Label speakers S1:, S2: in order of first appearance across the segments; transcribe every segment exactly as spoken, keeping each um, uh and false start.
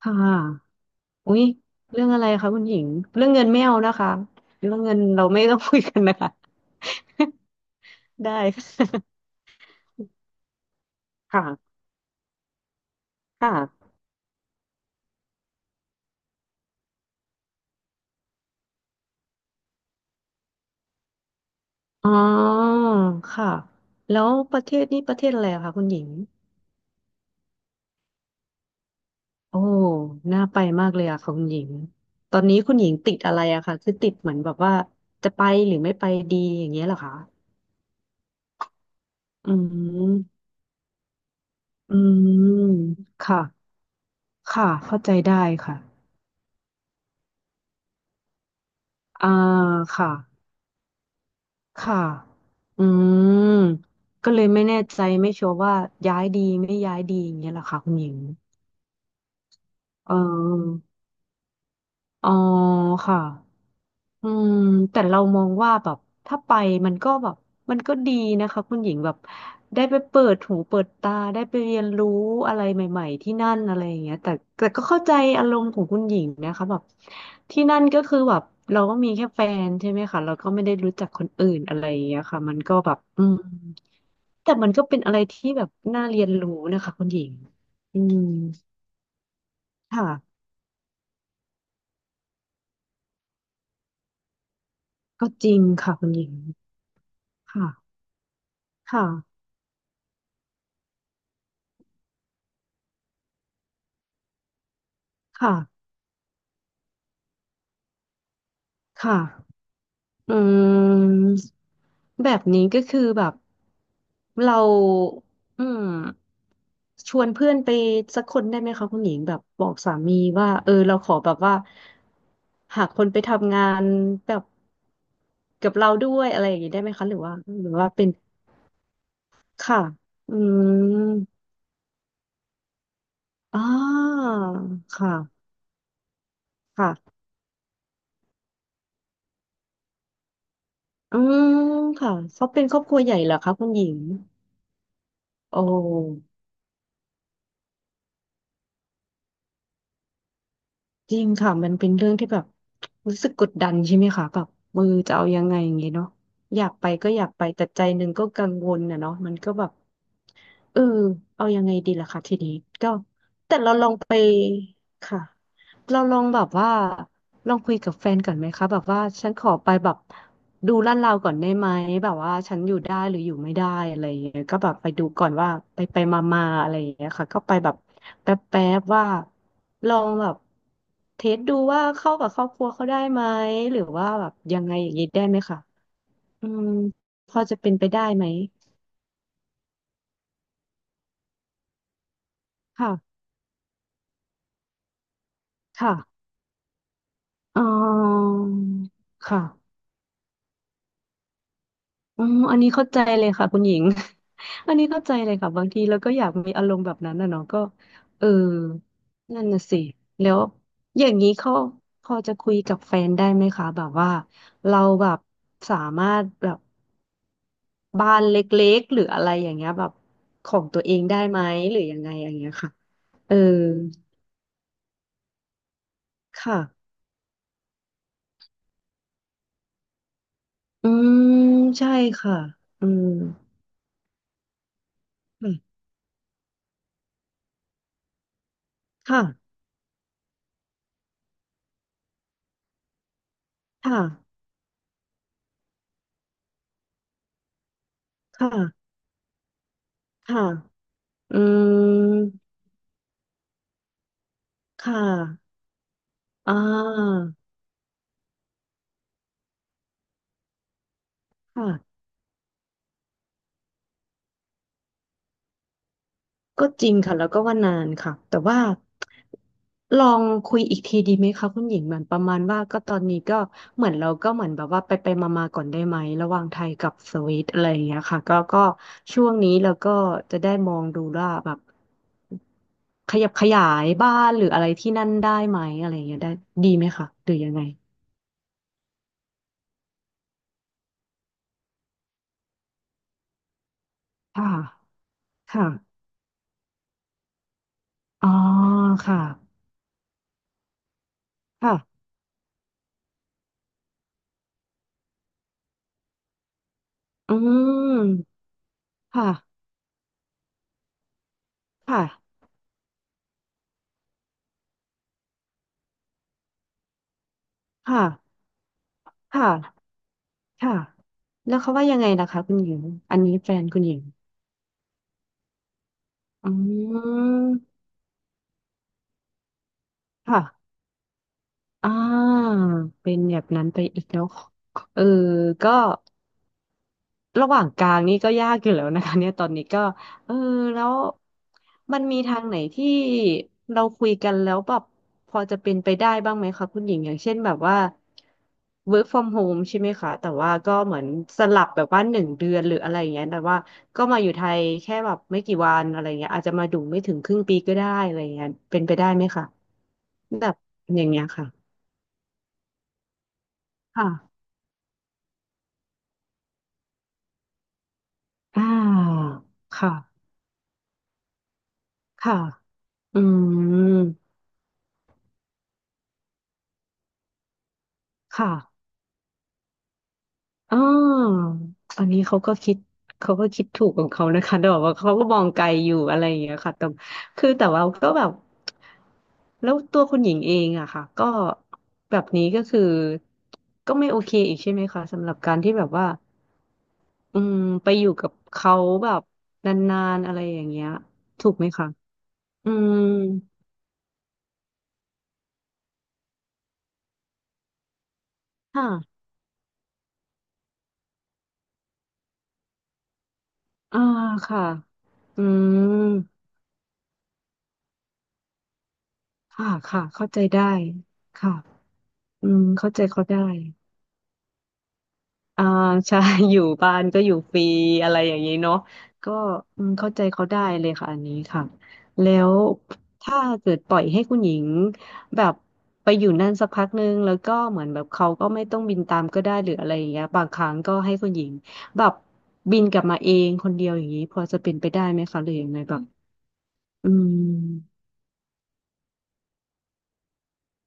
S1: ค่ะ อุ๊ยเรื่องอะไรคะคุณหญิง เรื่องเงินไม่เอานะคะ เรื่องเงินเราไม่ต้องคุยกันนะคะ ได้ ค่ะค่ะอ๋อค่ะแล้วประเทศนี้ประเทศอะไรอะคะคุณหญิงโอ้น่าไปมากเลยอะค่ะคุณหญิงตอนนี้คุณหญิงติดอะไรอะคะคือติดเหมือนแบบว่าจะไปหรือไม่ไปดีอย่างเงี้ยเหรอคะอืมอืมค่ะ ค่ะ เข้าใจได้ค่ะอ่าค่ะ ค่ะ อืมก็เลยไม่แน่ใจไม่ชัวร์ว่าย้ายดีไม่ย้ายดีอย่างเงี้ยเหรอคะคุณหญิงเอออ๋อค่ะอืมแต่เรามองว่าแบบถ้าไปมันก็แบบมันก็ดีนะคะคุณหญิงแบบได้ไปเปิดหูเปิดตาได้ไปเรียนรู้อะไรใหม่ๆที่นั่นอะไรอย่างเงี้ยแต่แต่ก็เข้าใจอารมณ์ของคุณหญิงนะคะแบบที่นั่นก็คือแบบเราก็มีแค่แฟนใช่ไหมคะเราก็ไม่ได้รู้จักคนอื่นอะไรอย่างเงี้ยค่ะมันก็แบบอืม แต่มันก็เป็นอะไรที่แบบน่าเรียนรู้นะคะคุณหญิงอืมค่ะก็จริงค่ะคุณหญิงค่ะ ค่ะค่ะค่ะอืมแบบนี้ก็คือแบบเราอืมชวนเพื่อนไปสักคนได้ไหมคะคุณหญิงแบบบอกสามีว่าเออเราขอแบบว่าหาคนไปทำงานแบบกับเราด้วยอะไรอย่างนี้ได้ไหมคะหรือว่าหรือว่าเป็นค่ะอืม อ่าค่ะค่ะ อืมค่ะเขาเป็นครอบครัวใหญ่เหรอคะคุณหญิง โอ้ จริงค่ะ มันเป็นเรื่องที่แบบรู้สึกกดดันใช่ไหมคะแบบมืออจะเอายังไงอย่างเงี้ยเนาะอยากไปก็อยากไปแต่ใจหนึ่งก็กังวลนะเนาะมันก็แบบเออเอายังไงดีล่ะคะทีนี้ก็แต่เราลองไปค่ะ เราลองแบบว่าลองคุยกับแฟนก่อนไหมคะแบบว่าฉันขอไปแบบดูลาดเราก่อนได้ไหมแบบว่าฉันอยู่ได้หรืออยู่ไม่ได้อะไรอย่างเงี้ยก็แบบไปดูก่อนว่าไปไปมามาอะไรอย่างเงี้ยค่ะก็ไปแบบแป๊บแป๊บว่าลองแบบเทสดูว่าเข้ากับครอบครัวเขาได้ไหมหรือว่าแบบยังไงอย่างงี้ได้ไหมคะอืมพอจะเป็นไปได้ไหมค่ะค่ะอ๋อค่ะ อ๋ออันนี้เข้าใจเลยค่ะคุณหญิง อันนี้เข้าใจเลยค่ะบางทีเราก็อยากมีอารมณ์แบบนั้นนะเนาะก็เออนั่นน่ะสิแล้วอย่างนี้เขาพอจะคุยกับแฟนได้ไหมคะแบบว่าเราแบบสามารถแบบบ้านเล็กๆหรืออะไรอย่างเงี้ยแบบของตัวเองได้ไหมหรือยังไงอย่างเงี้ยค่ะเออค่ะอืมใช่ค่ะอืมค่ะค่ะค่ะค่ะอืมค่ะ อ่าค่ะก็จริงค่ะแล้วก็ว่านานค่ะแต่ว่าลองคุยอีกทีดีไหมคะคุณหญิงเหมือนประมาณว่าก็ตอนนี้ก็เหมือนเราก็เหมือนแบบว่าไปไปมามาๆก่อนได้ไหมระหว่างไทยกับสวิตอะไรอย่างเงี้ยค่ะก็ก็ช่วงนี้เราก็จะได้มองดูว่าแบบขยับขยายบ้านหรืออะไรที่นั่นได้ไหมอะไรอย่างเงี้ยได้ดีไหมคะหรือยังไงค่ะค่ะอ๋อค่ะค่ะอืมค่ะค่ะค่ะ ค่ะ ค่ะ แล้วเขาว่ายังไงล่ะคะคุณหญิงอันนี้แฟนคุณหญิงอืมค่ะ อ่า เป็นแบบนั้นไปอีกแล้วเออก็ ระหว่างกลางนี่ก็ยากอยู่แล้วนะคะเนี่ยตอนนี้ก็เออแล้วมันมีทางไหนที่เราคุยกันแล้วแบบพอจะเป็นไปได้บ้างไหมคะคุณหญิงอย่างเช่นแบบว่า เวิร์ค ฟรอม โฮม ใช่ไหมคะแต่ว่าก็เหมือนสลับแบบว่าหนึ่งเดือนหรืออะไรอย่างเงี้ยแต่ว่าก็มาอยู่ไทยแค่แบบไม่กี่วันอะไรเงี้ยอาจจะมาดูไม่ถึงครึ่งปีก็ได้อะไรเงี้ยเป็นไปได้ไหมคะแบบอย่างเงี้ยค่ะค่ะอ่าค่ะค่ะอืมค่ะ อ๋ออันนี้เขาก็คิดเขาก็คิดถูกของเขานะคะแต่แบบว่าเขาก็มองไกลอยู่อะไรอย่างเงี้ยค่ะแต่คือแต่ว่าก็แบบแล้วตัวคุณหญิงเองอะค่ะก็แบบนี้ก็คือก็ไม่โอเคอีกใช่ไหมคะสำหรับการที่แบบว่าอืมไปอยู่กับเขาแบบนานๆอะไรอย่างเงี้ยถูกไหมคะอืมค่ะอ่าค่ะอืมค่ะค่ะ เข้าใจได้ค่ะอืมเข้าใจเขาได้ อ่าใช่ อยู่บ้านก็อยู่ฟรีอะไรอย่างนี้เนาะก็อืมเข้าใจเขาได้เลยค่ะอันนี้ค่ะแล้วถ้าเกิดปล่อยให้คุณหญิงแบบไปอยู่นั่นสักพักนึงแล้วก็เหมือนแบบเขาก็ไม่ต้องบินตามก็ได้หรืออะไรอย่างเงี้ยบางครั้งก็ให้คุณหญิงแบบบินกลับมาเองคนเดียวอย่างนี้พอจะเป็นไปได้ไหมคะหรือยังไงแบบอืม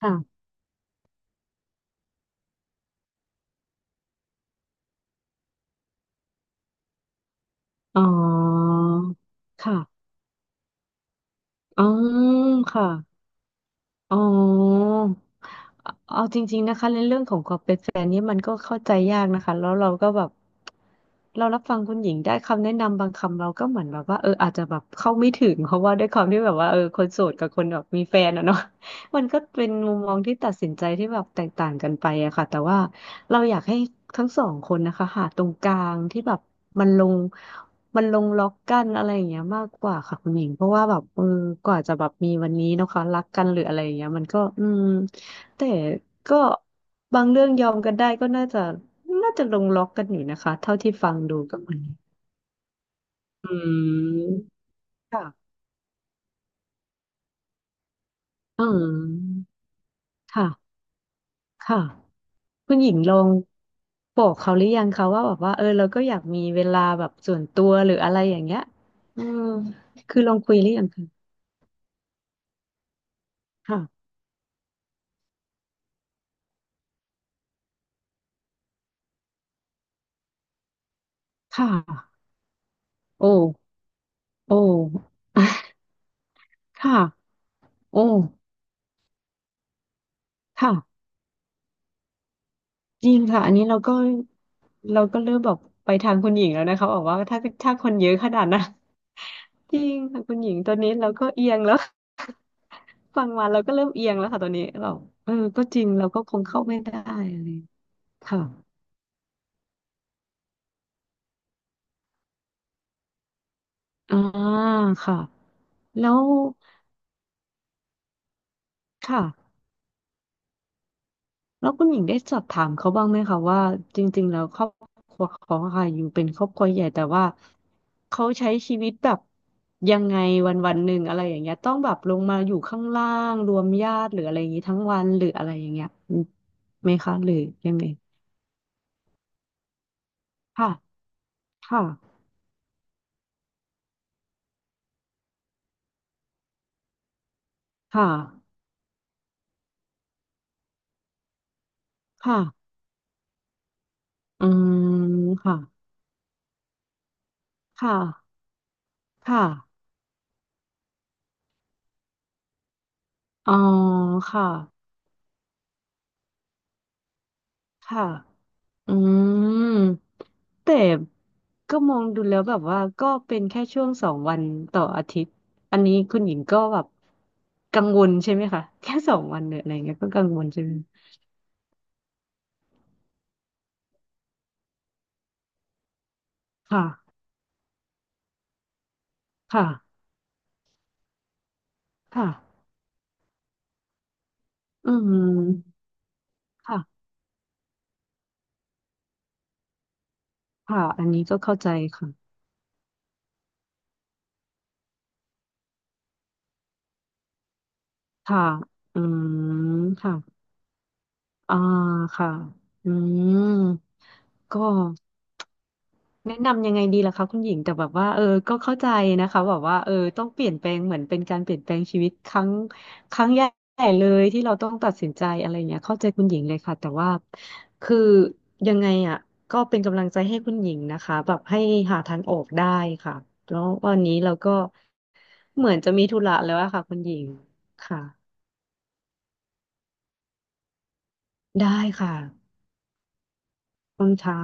S1: ค่ะอ๋อค่ะอ๋อค่ะ อ๋อเอาจริงๆนะคะในเรื่องของความเป็นแฟนนี่มันก็เข้าใจยากนะคะแล้วเราก็แบบเรารับฟังคุณหญิงได้คำแนะนำบางคำเราก็เหมือนแบบว่าเอออาจจะแบบเข้าไม่ถึงเพราะว่าด้วยความที่แบบว่าเออคนโสดกับคนแบบมีแฟนอะเนาะ มันก็เป็นมุมมองที่ตัดสินใจที่แบบแตกต่างกันไปอะค่ะแต่ว่าเราอยากให้ทั้งสองคนนะคะหาตรงกลางที่แบบมันลง มันลงล็อกกันอะไรอย่างเงี้ยมากกว่าค่ะคุณหญิงเพราะว่าแบบเออกว่าจะแบบมีวันนี้เนอะคะรักกันหรืออะไรอย่างเงี้ยมันก็อืมแต่ก็บางเรื่องยอมกันได้ก็น่าจะน่าจะลงล็อกกันอยู่นะคะเท่าที่ฟังดูกับมันนี้อืมค่ะอืมค่ะค่ะคุณหญิงลองบอกเขาหรือยังคะว่าแบบว่าเออเราก็อยากมีเวลาแบบส่วนตัวหรืออะไรอย่างเงี้ยอืมคือลองคุยหรือยังคะค่ะค่ะโอ้ โอ้อ่ะค่ะโอ้ค่ะ จริงค่ะ อันนี้เราก็เราก็เริ่มแบบไปทางคุณหญิงแล้วนะคะบอกว่าถ้าถ้าคนเยอะขนาดนั้น จริงค่ะคุณหญิงตอนนี้เราก็เอียงแล้ว ฟังมาเราก็เริ่มเอียงแล้วค่ะตอนนี้เราเออก็จริงเราก็คงเข้าไม่ได้อะไรค่ะ อ่าค่ะแล้วค่ะ แล้วคุณหญิงได้สอบถามเขาบ้างไหมคะว่าจริงๆแล้วครอบครัวเขาอะค่ะอยู่เป็นครอบครัวใหญ่แต่ว่าเขาใช้ชีวิตแบบยังไงวันวันหนึ่งอะไรอย่างเงี้ยต้องแบบลงมาอยู่ข้างล่างรวมญาติหรืออะไรอย่างงี้ทั้งวันหรืออะไรอย่างเงี้ยไหมคะหรือยังไงค่ะค่ะค่ะค่ะอืมค่ะค่ะค่ะอ๋อค่ะค่ะ อืมแต่ก็มองดูแล้วแบบว่าก็เป็นแค่ช่วงสองวันต่ออาทิตย์อันนี้คุณหญิงก็แบบกังวลใช่ไหมคะแค่สองวันเนี่ยอะไรเงี้ยก็กังวลใช่ไหมค่ะค่ะค่ะอืมค่ะค่ะอันนี้ก็เข้าใจค่ะค่ะอืมค่ะอ่าค่ะอืมก็ แนะนำยังไงดีล่ะคะคุณหญิงแต่แบบว่าเออก็เข้าใจนะคะแบบว่าเออต้องเปลี่ยนแปลงเหมือนเป็นการเปลี่ยนแปลงชีวิตครั้งครั้งใหญ่เลยที่เราต้องตัดสินใจอะไรเงี้ยเข้าใจคุณหญิงเลยค่ะแต่ว่าคือยังไงอ่ะก็เป็นกำลังใจให้คุณหญิงนะคะแบบให้หาทางออกได้ค่ะแล้ววันนี้เราก็เหมือนจะมีธุระแล้วอะค่ะคุณหญิงค่ะได้ค่ะคุณชา